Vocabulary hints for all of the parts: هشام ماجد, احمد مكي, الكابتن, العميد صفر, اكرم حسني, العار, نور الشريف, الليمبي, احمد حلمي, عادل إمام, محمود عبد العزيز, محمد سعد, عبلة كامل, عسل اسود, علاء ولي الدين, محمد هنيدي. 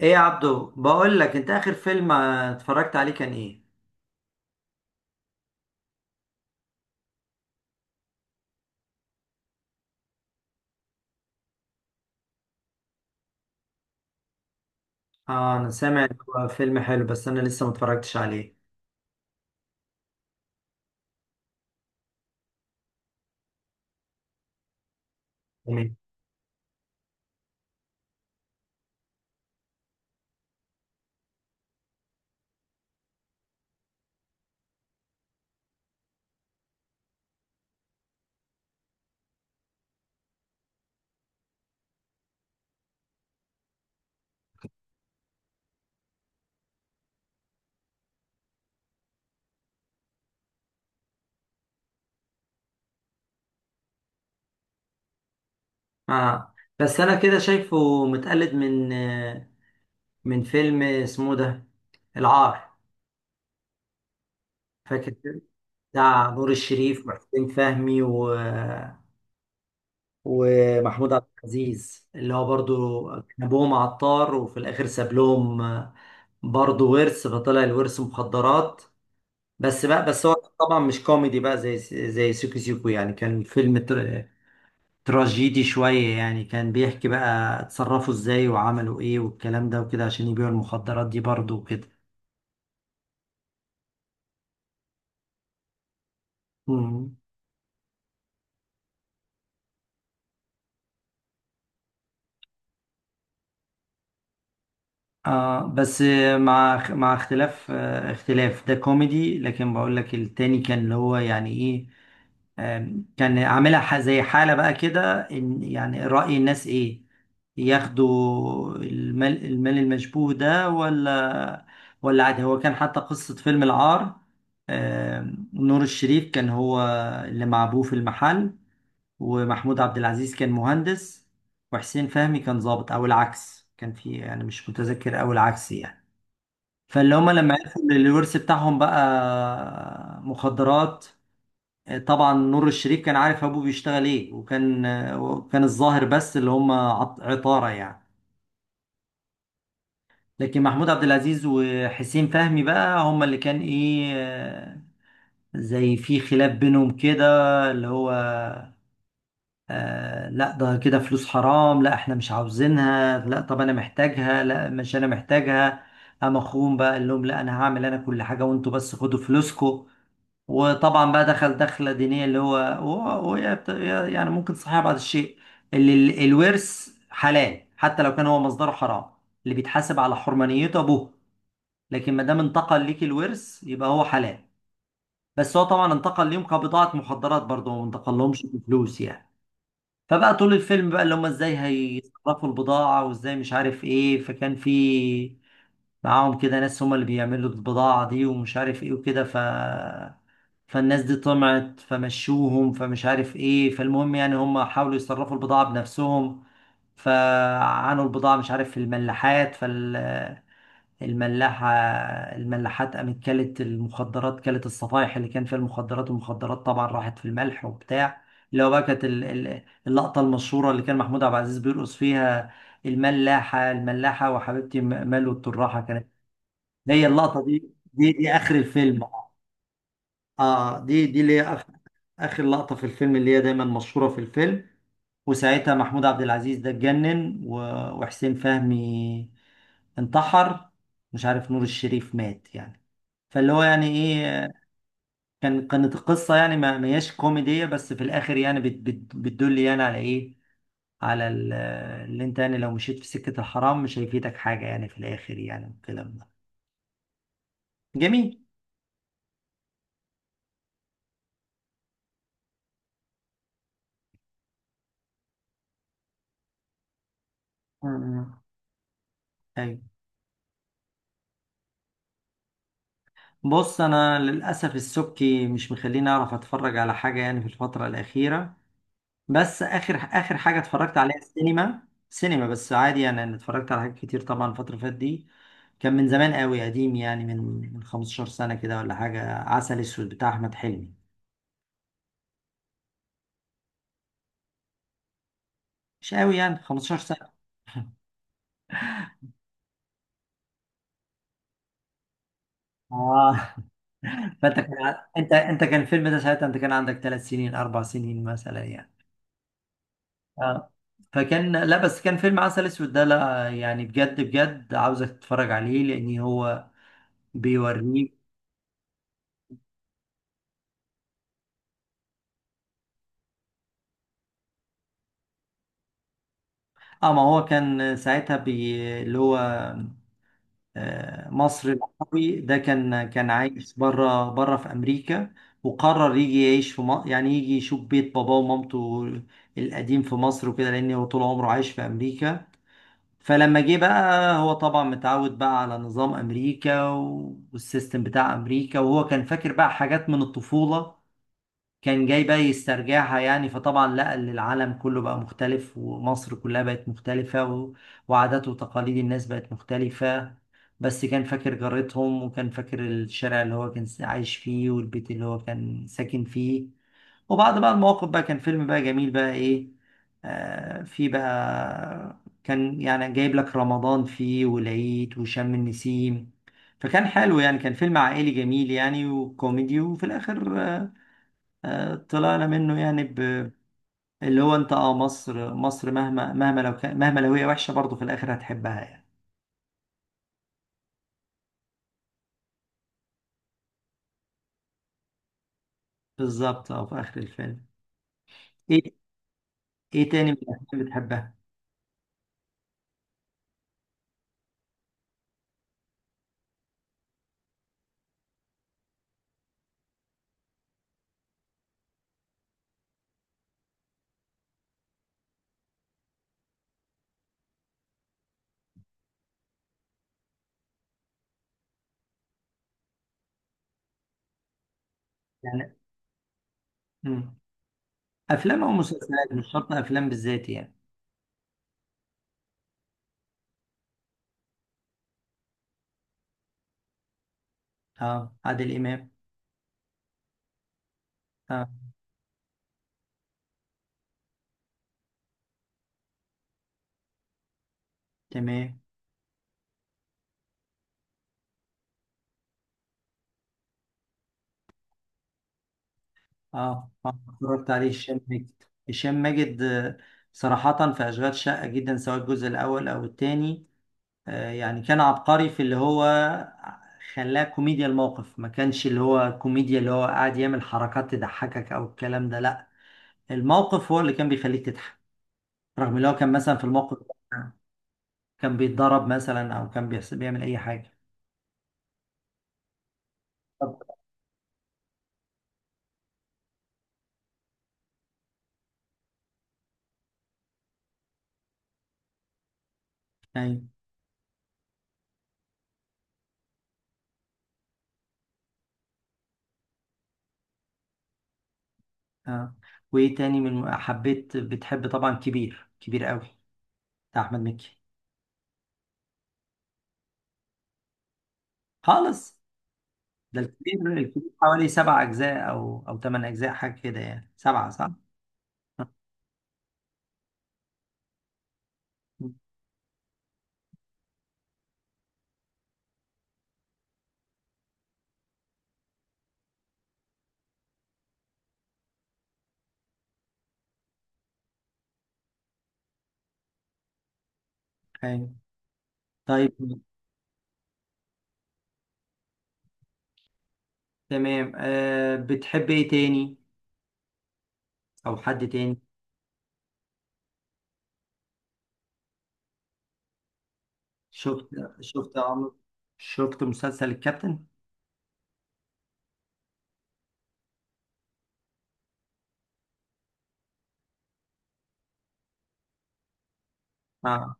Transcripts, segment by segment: ايه يا عبدو، بقول لك انت اخر فيلم اتفرجت عليه كان ايه؟ اه، انا سامع إن هو فيلم حلو بس انا لسه ما اتفرجتش عليه. تمام. اه بس انا كده شايفه متقلد من من فيلم اسمه ده، العار. فاكر كده؟ بتاع نور الشريف وحسين فهمي ومحمود عبد العزيز، اللي هو برضو كان ابوهم عطار، وفي الاخر ساب لهم، برضو ورث، فطلع الورث مخدرات. بس بقى، بس هو طبعا مش كوميدي بقى، زي سيكو سيكو، يعني كان فيلم تراجيدي شوية، يعني كان بيحكي بقى اتصرفوا ازاي وعملوا ايه والكلام ده وكده عشان يبيعوا المخدرات دي برضه وكده. مم. اه بس، مع اختلاف، ده كوميدي، لكن بقول لك التاني كان اللي هو يعني ايه. كان عاملها زي حالة بقى كده، ان يعني رأي الناس ايه، ياخدوا المال المشبوه ده ولا عادي. هو كان حتى قصة فيلم العار، نور الشريف كان هو اللي مع ابوه في المحل، ومحمود عبد العزيز كان مهندس، وحسين فهمي كان ضابط او العكس، كان في يعني مش متذكر، او العكس يعني. فاللي هما لما عرفوا ان الورث بتاعهم بقى مخدرات، طبعا نور الشريف كان عارف ابوه بيشتغل ايه، وكان الظاهر بس اللي هما عطارة يعني، لكن محمود عبد العزيز وحسين فهمي بقى هما اللي كان ايه، زي في خلاف بينهم كده، اللي هو آه لا، ده كده فلوس حرام، لا احنا مش عاوزينها، لا طب انا محتاجها، لا مش انا محتاجها. قام اخوهم بقى قال لهم: لا انا هعمل انا كل حاجه وانتوا بس خدوا فلوسكم. وطبعا بقى دخل دخله دينيه، اللي هو هو يعني ممكن صحيح بعض الشيء، اللي الورث حلال حتى لو كان هو مصدره حرام، اللي بيتحاسب على حرمانيته ابوه، لكن ما دام انتقل ليك الورث يبقى هو حلال. بس هو طبعا انتقل ليهم كبضاعه مخدرات برضه، ما انتقل لهمش فلوس يعني. فبقى طول الفيلم بقى اللي هم ازاي هيصرفوا البضاعة وازاي مش عارف ايه، فكان في معاهم كده ناس هم اللي بيعملوا البضاعة دي ومش عارف ايه وكده، فالناس دي طمعت فمشوهم، فمش عارف ايه، فالمهم يعني هم حاولوا يصرفوا البضاعة بنفسهم. فعانوا البضاعة مش عارف في الملاحات، فال... الملاحة الملاحات قامت كلت المخدرات، كلت الصفايح اللي كان فيها المخدرات، والمخدرات طبعا راحت في الملح وبتاع. اللي هو بقى كانت اللقطة المشهورة اللي كان محمود عبد العزيز بيرقص فيها: الملاحة الملاحة وحبيبتي ملو التراحة، كانت هي اللقطة دي، آخر الفيلم. اه دي، اللي هي اخر لقطه في الفيلم، اللي هي دايما مشهوره في الفيلم. وساعتها محمود عبد العزيز ده اتجنن وحسين فهمي انتحر، مش عارف نور الشريف مات يعني. فاللي هو يعني ايه، كانت القصه يعني ما هياش كوميديه، بس في الاخر يعني بت بت بتدل يعني على ايه، على اللي انت يعني لو مشيت في سكه الحرام مش هيفيدك حاجه يعني في الاخر يعني، والكلام ده جميل. م- م. ايوه. بص، انا للاسف السبكي مش مخليني اعرف اتفرج على حاجه يعني في الفتره الاخيره، بس اخر اخر حاجه اتفرجت عليها سينما بس عادي، يعني انا اتفرجت على حاجات كتير طبعا الفتره اللي فاتت دي. كان من زمان قوي قديم يعني، من 15 سنه كده ولا حاجه، عسل اسود بتاع احمد حلمي. مش قوي يعني 15 سنه. اه فانت كان ع- انت انت كان الفيلم ده ساعتها انت كان عندك ثلاث سنين اربع سنين مثلا يعني. اه، فكان لا بس كان فيلم عسل اسود ده، لا يعني بجد بجد عاوزك تتفرج عليه لان هو بيوريك. اه، ما هو كان ساعتها اللي هو مصر العربي ده كان عايش بره بره في امريكا، وقرر يجي يعيش في مصر، يعني يجي يشوف بيت باباه ومامته القديم في مصر وكده، لان هو طول عمره عايش في امريكا. فلما جه بقى هو طبعا متعود بقى على نظام امريكا والسيستم بتاع امريكا، وهو كان فاكر بقى حاجات من الطفولة، كان جاي بقى يسترجعها يعني. فطبعا لقى ان العالم كله بقى مختلف ومصر كلها بقت مختلفة، وعادات وتقاليد الناس بقت مختلفة. بس كان فاكر جارتهم، وكان فاكر الشارع اللي هو كان عايش فيه، والبيت اللي هو كان ساكن فيه. وبعد بقى المواقف بقى كان فيلم بقى جميل بقى ايه، في بقى كان يعني جايب لك رمضان فيه والعيد وشم النسيم. فكان حلو يعني، كان فيلم عائلي جميل يعني وكوميدي، وفي الآخر طلعنا منه يعني اللي هو انت، مصر مصر مهما، لو كان مهما لو هي وحشة برضه في الآخر هتحبها يعني. بالظبط، في آخر الفيلم. ايه ايه تاني من الأفلام بتحبها؟ يعني مم. أفلام أو مسلسلات، مش شرط أفلام بالذات يعني. اه، عادل إمام. اه تمام. اه، اه، اتفرجت عليه، هشام ماجد. هشام ماجد. صراحة في أشغال شقة جدا، سواء الجزء الأول أو التاني، يعني كان عبقري في اللي هو خلاه كوميديا الموقف، ما كانش اللي هو كوميديا اللي هو قاعد يعمل حركات تضحكك او الكلام ده لا، الموقف هو اللي كان بيخليك تضحك، رغم اللي هو كان مثلا في الموقف ده كان بيتضرب مثلا، او كان بيعمل اي حاجة. طب يعني اه، وايه تاني من حبيت بتحب؟ طبعا كبير، كبير قوي بتاع احمد مكي. خالص؟ ده الكبير الكبير حوالي سبع اجزاء او ثمان اجزاء حاجة كده، يعني سبعة صح؟ أيوة. طيب تمام، بتحب ايه تاني، او حد تاني؟ شفت شفت عمرو شفت مسلسل الكابتن. آه.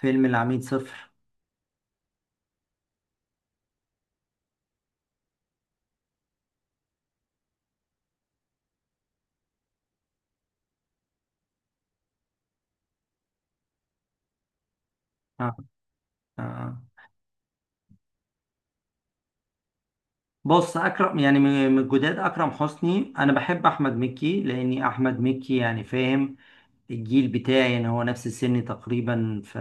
فيلم العميد صفر. آه. آه. بص، اكرم، يعني من الجداد اكرم حسني، انا بحب احمد مكي، لاني احمد مكي يعني فاهم الجيل بتاعي، يعني هو نفس سني تقريبا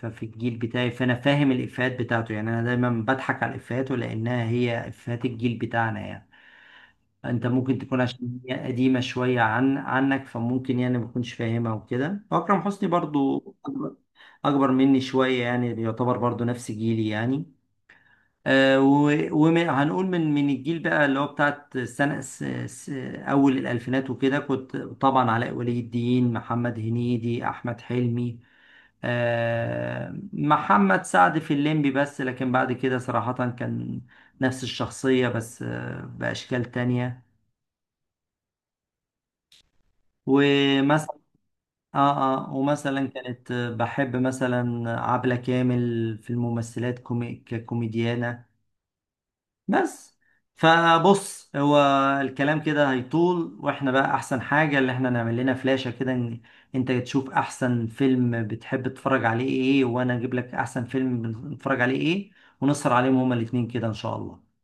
ففي الجيل بتاعي، فانا فاهم الافيهات بتاعته، يعني انا دايما بضحك على افيهاته لانها هي افيهات الجيل بتاعنا يعني. انت ممكن تكون عشان هي قديمة شوية عنك، فممكن يعني ما تكونش فاهمها وكده، واكرم حسني برضو اكبر أكبر مني شوية، يعني يعتبر برضو نفس جيلي يعني. وهنقول من الجيل بقى اللي هو بتاعت سنة أول الألفينات وكده، كنت طبعا علاء ولي الدين، محمد هنيدي، أحمد حلمي، محمد سعد في الليمبي بس، لكن بعد كده صراحة كان نفس الشخصية بس بأشكال تانية. ومثلا كانت بحب مثلا عبلة كامل في الممثلات ككوميديانة. بس فبص هو الكلام كده هيطول، واحنا بقى احسن حاجة اللي احنا نعمل لنا فلاشة كده، إن انت تشوف احسن فيلم بتحب تتفرج عليه ايه، وانا اجيب لك احسن فيلم بنتفرج عليه ايه، ونسهر عليهم هما الاتنين كده ان شاء الله.